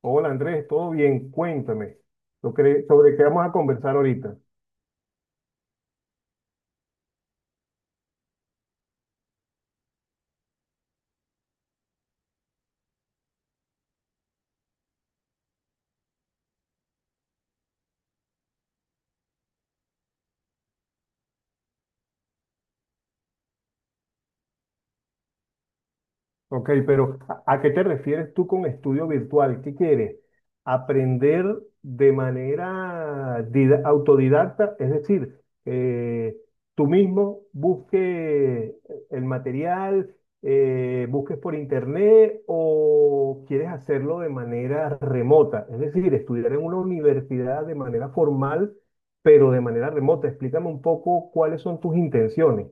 Hola Andrés, ¿todo bien? Cuéntame, sobre qué vamos a conversar ahorita. Ok, pero ¿a qué te refieres tú con estudio virtual? ¿Qué quieres? ¿Aprender de manera autodidacta? Es decir, tú mismo busques el material, busques por internet o quieres hacerlo de manera remota. Es decir, estudiar en una universidad de manera formal, pero de manera remota. Explícame un poco cuáles son tus intenciones.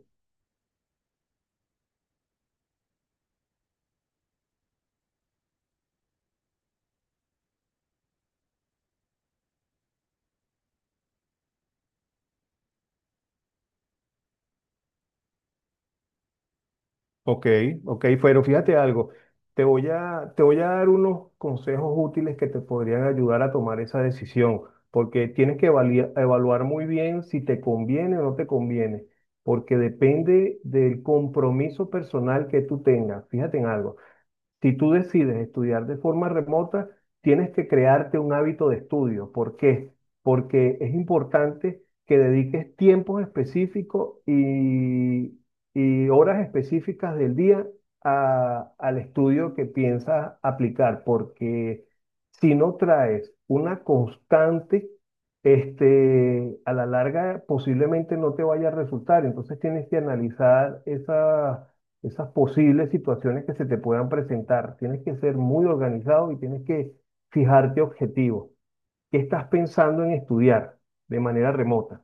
Ok, ok, pero fíjate algo, te voy a dar unos consejos útiles que te podrían ayudar a tomar esa decisión, porque tienes que evaluar muy bien si te conviene o no te conviene, porque depende del compromiso personal que tú tengas. Fíjate en algo. Si tú decides estudiar de forma remota, tienes que crearte un hábito de estudio. ¿Por qué? Porque es importante que dediques tiempos específicos y horas específicas del día al estudio que piensas aplicar, porque si no traes una constante, a la larga posiblemente no te vaya a resultar. Entonces tienes que analizar esas posibles situaciones que se te puedan presentar. Tienes que ser muy organizado y tienes que fijarte objetivos. ¿Qué estás pensando en estudiar de manera remota?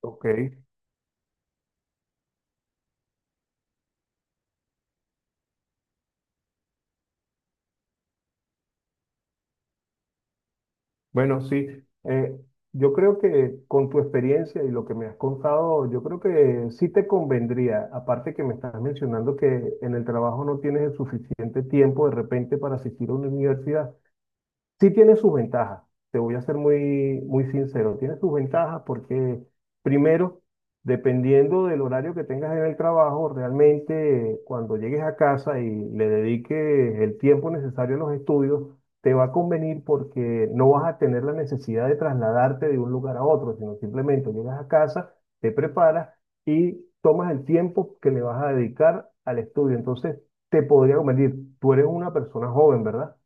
Ok, bueno, sí. eh, yo creo que con tu experiencia y lo que me has contado, yo creo que sí te convendría, aparte que me estás mencionando que en el trabajo no tienes el suficiente tiempo de repente para asistir a una universidad. Sí tiene sus ventajas, te voy a ser muy, muy sincero, tiene sus ventajas porque primero, dependiendo del horario que tengas en el trabajo, realmente cuando llegues a casa y le dediques el tiempo necesario a los estudios, te va a convenir porque no vas a tener la necesidad de trasladarte de un lugar a otro, sino simplemente llegas a casa, te preparas y tomas el tiempo que le vas a dedicar al estudio. Entonces, te podría convenir, tú eres una persona joven, ¿verdad?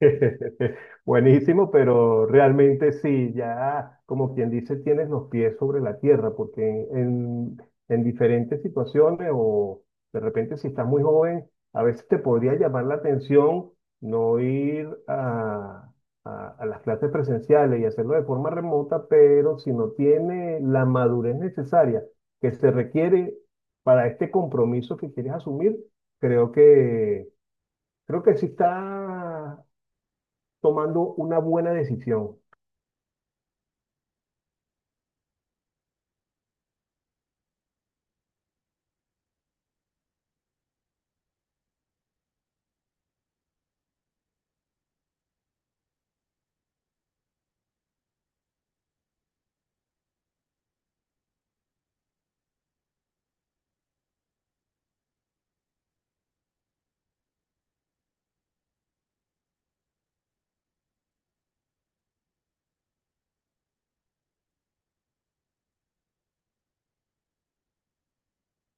Buenísimo, pero realmente sí, ya como quien dice, tienes los pies sobre la tierra, porque en, en diferentes situaciones o de repente si estás muy joven, a veces te podría llamar la atención no a las clases presenciales y hacerlo de forma remota, pero si no tiene la madurez necesaria que se requiere para este compromiso que quieres asumir, creo que... Creo que sí está tomando una buena decisión.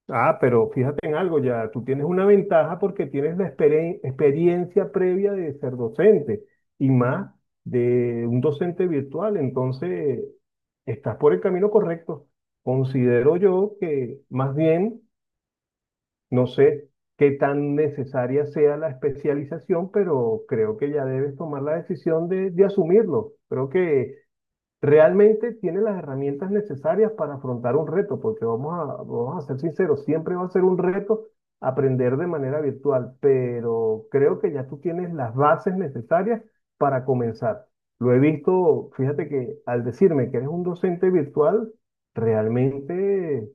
Ah, pero fíjate en algo ya, tú tienes una ventaja porque tienes la experiencia previa de ser docente y más de un docente virtual, entonces estás por el camino correcto. Considero yo que más bien, no sé qué tan necesaria sea la especialización, pero creo que ya debes tomar la decisión de asumirlo. Creo que realmente tiene las herramientas necesarias para afrontar un reto, porque vamos a ser sinceros, siempre va a ser un reto aprender de manera virtual, pero creo que ya tú tienes las bases necesarias para comenzar. Lo he visto, fíjate que al decirme que eres un docente virtual, realmente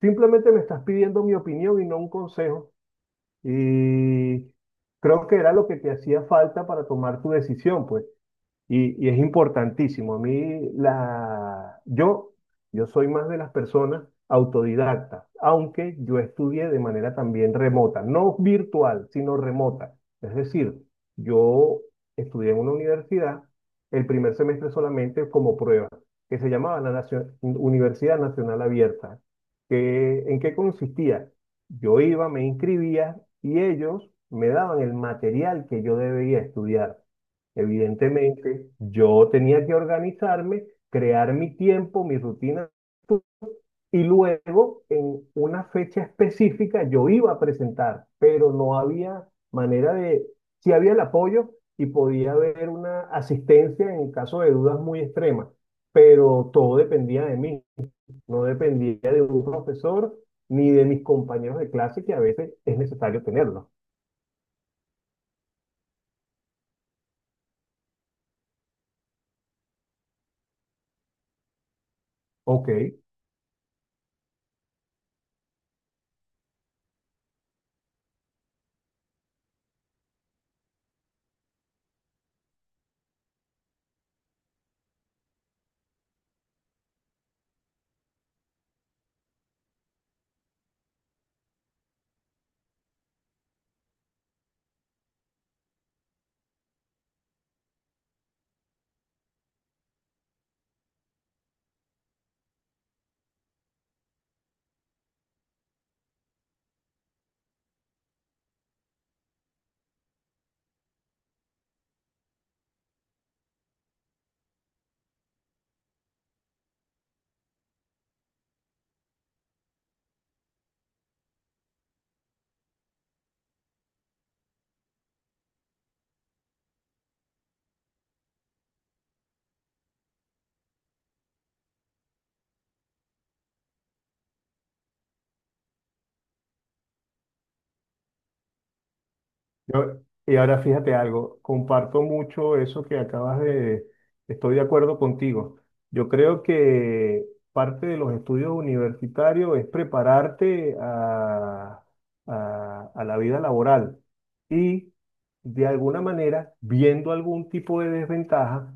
simplemente me estás pidiendo mi opinión y no un consejo. Y creo que era lo que te hacía falta para tomar tu decisión, pues. Y es importantísimo. A mí, la, yo soy más de las personas autodidactas, aunque yo estudié de manera también remota, no virtual, sino remota. Es decir, yo estudié en una universidad el primer semestre solamente como prueba, que se llamaba la Universidad Nacional Abierta. ¿En qué consistía? Yo iba, me inscribía y ellos me daban el material que yo debía estudiar. Evidentemente, yo tenía que organizarme, crear mi tiempo, mi rutina, y luego en una fecha específica yo iba a presentar, pero no había manera sí había el apoyo y podía haber una asistencia en caso de dudas muy extremas, pero todo dependía de mí, no dependía de un profesor ni de mis compañeros de clase, que a veces es necesario tenerlo. Ok. Yo- y ahora fíjate algo, comparto mucho eso estoy de acuerdo contigo. Yo creo que parte de los estudios universitarios es prepararte a la vida laboral y de alguna manera, viendo algún tipo de desventaja,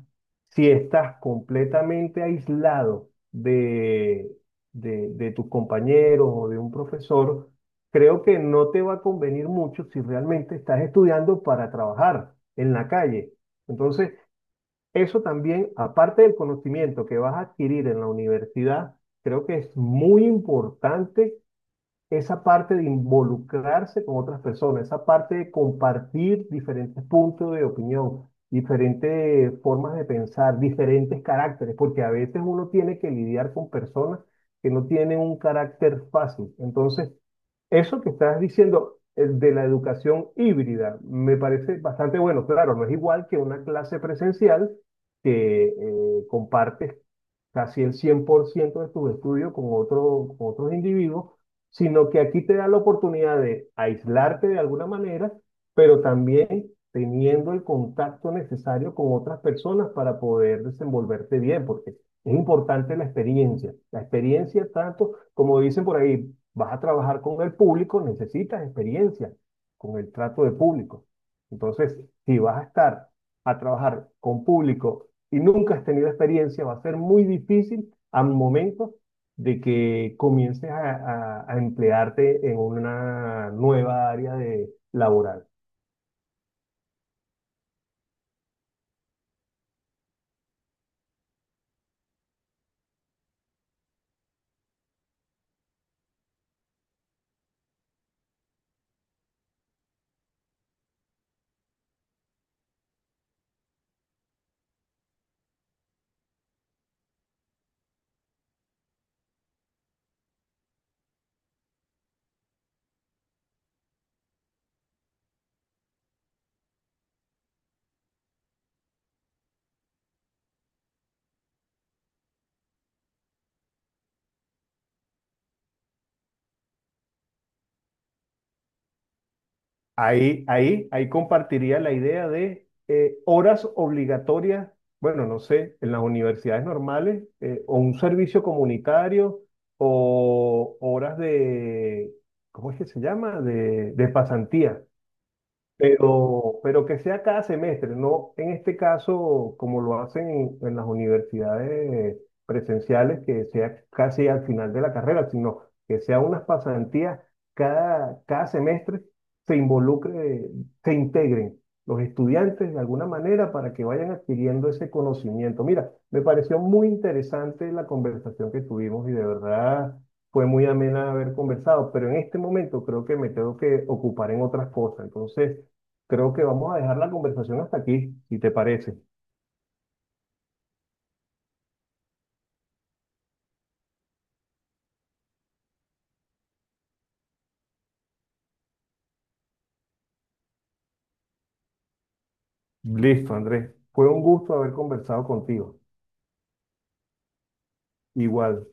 si estás completamente aislado de tus compañeros o de un profesor, creo que no te va a convenir mucho si realmente estás estudiando para trabajar en la calle. Entonces, eso también, aparte del conocimiento que vas a adquirir en la universidad, creo que es muy importante esa parte de involucrarse con otras personas, esa parte de compartir diferentes puntos de opinión, diferentes formas de pensar, diferentes caracteres, porque a veces uno tiene que lidiar con personas que no tienen un carácter fácil. Entonces, eso que estás diciendo de la educación híbrida me parece bastante bueno. Claro, no es igual que una clase presencial que compartes casi el 100% de tus estudios con con otros individuos, sino que aquí te da la oportunidad de aislarte de alguna manera, pero también teniendo el contacto necesario con otras personas para poder desenvolverte bien, porque es importante la experiencia. La experiencia tanto, como dicen por ahí, vas a trabajar con el público, necesitas experiencia con el trato de público. Entonces, si vas a estar a trabajar con público y nunca has tenido experiencia, va a ser muy difícil al momento de que comiences a emplearte en una nueva área de laboral. Ahí compartiría la idea de horas obligatorias, bueno, no sé, en las universidades normales, o un servicio comunitario, o horas ¿cómo es que se llama? De pasantía. Pero que sea cada semestre, no en este caso como lo hacen en las universidades presenciales, que sea casi al final de la carrera, sino que sea unas pasantías cada semestre, se involucre, se integren los estudiantes de alguna manera para que vayan adquiriendo ese conocimiento. Mira, me pareció muy interesante la conversación que tuvimos y de verdad fue muy amena haber conversado, pero en este momento creo que me tengo que ocupar en otras cosas. Entonces, creo que vamos a dejar la conversación hasta aquí, si te parece. Listo, Andrés. Fue un gusto haber conversado contigo. Igual.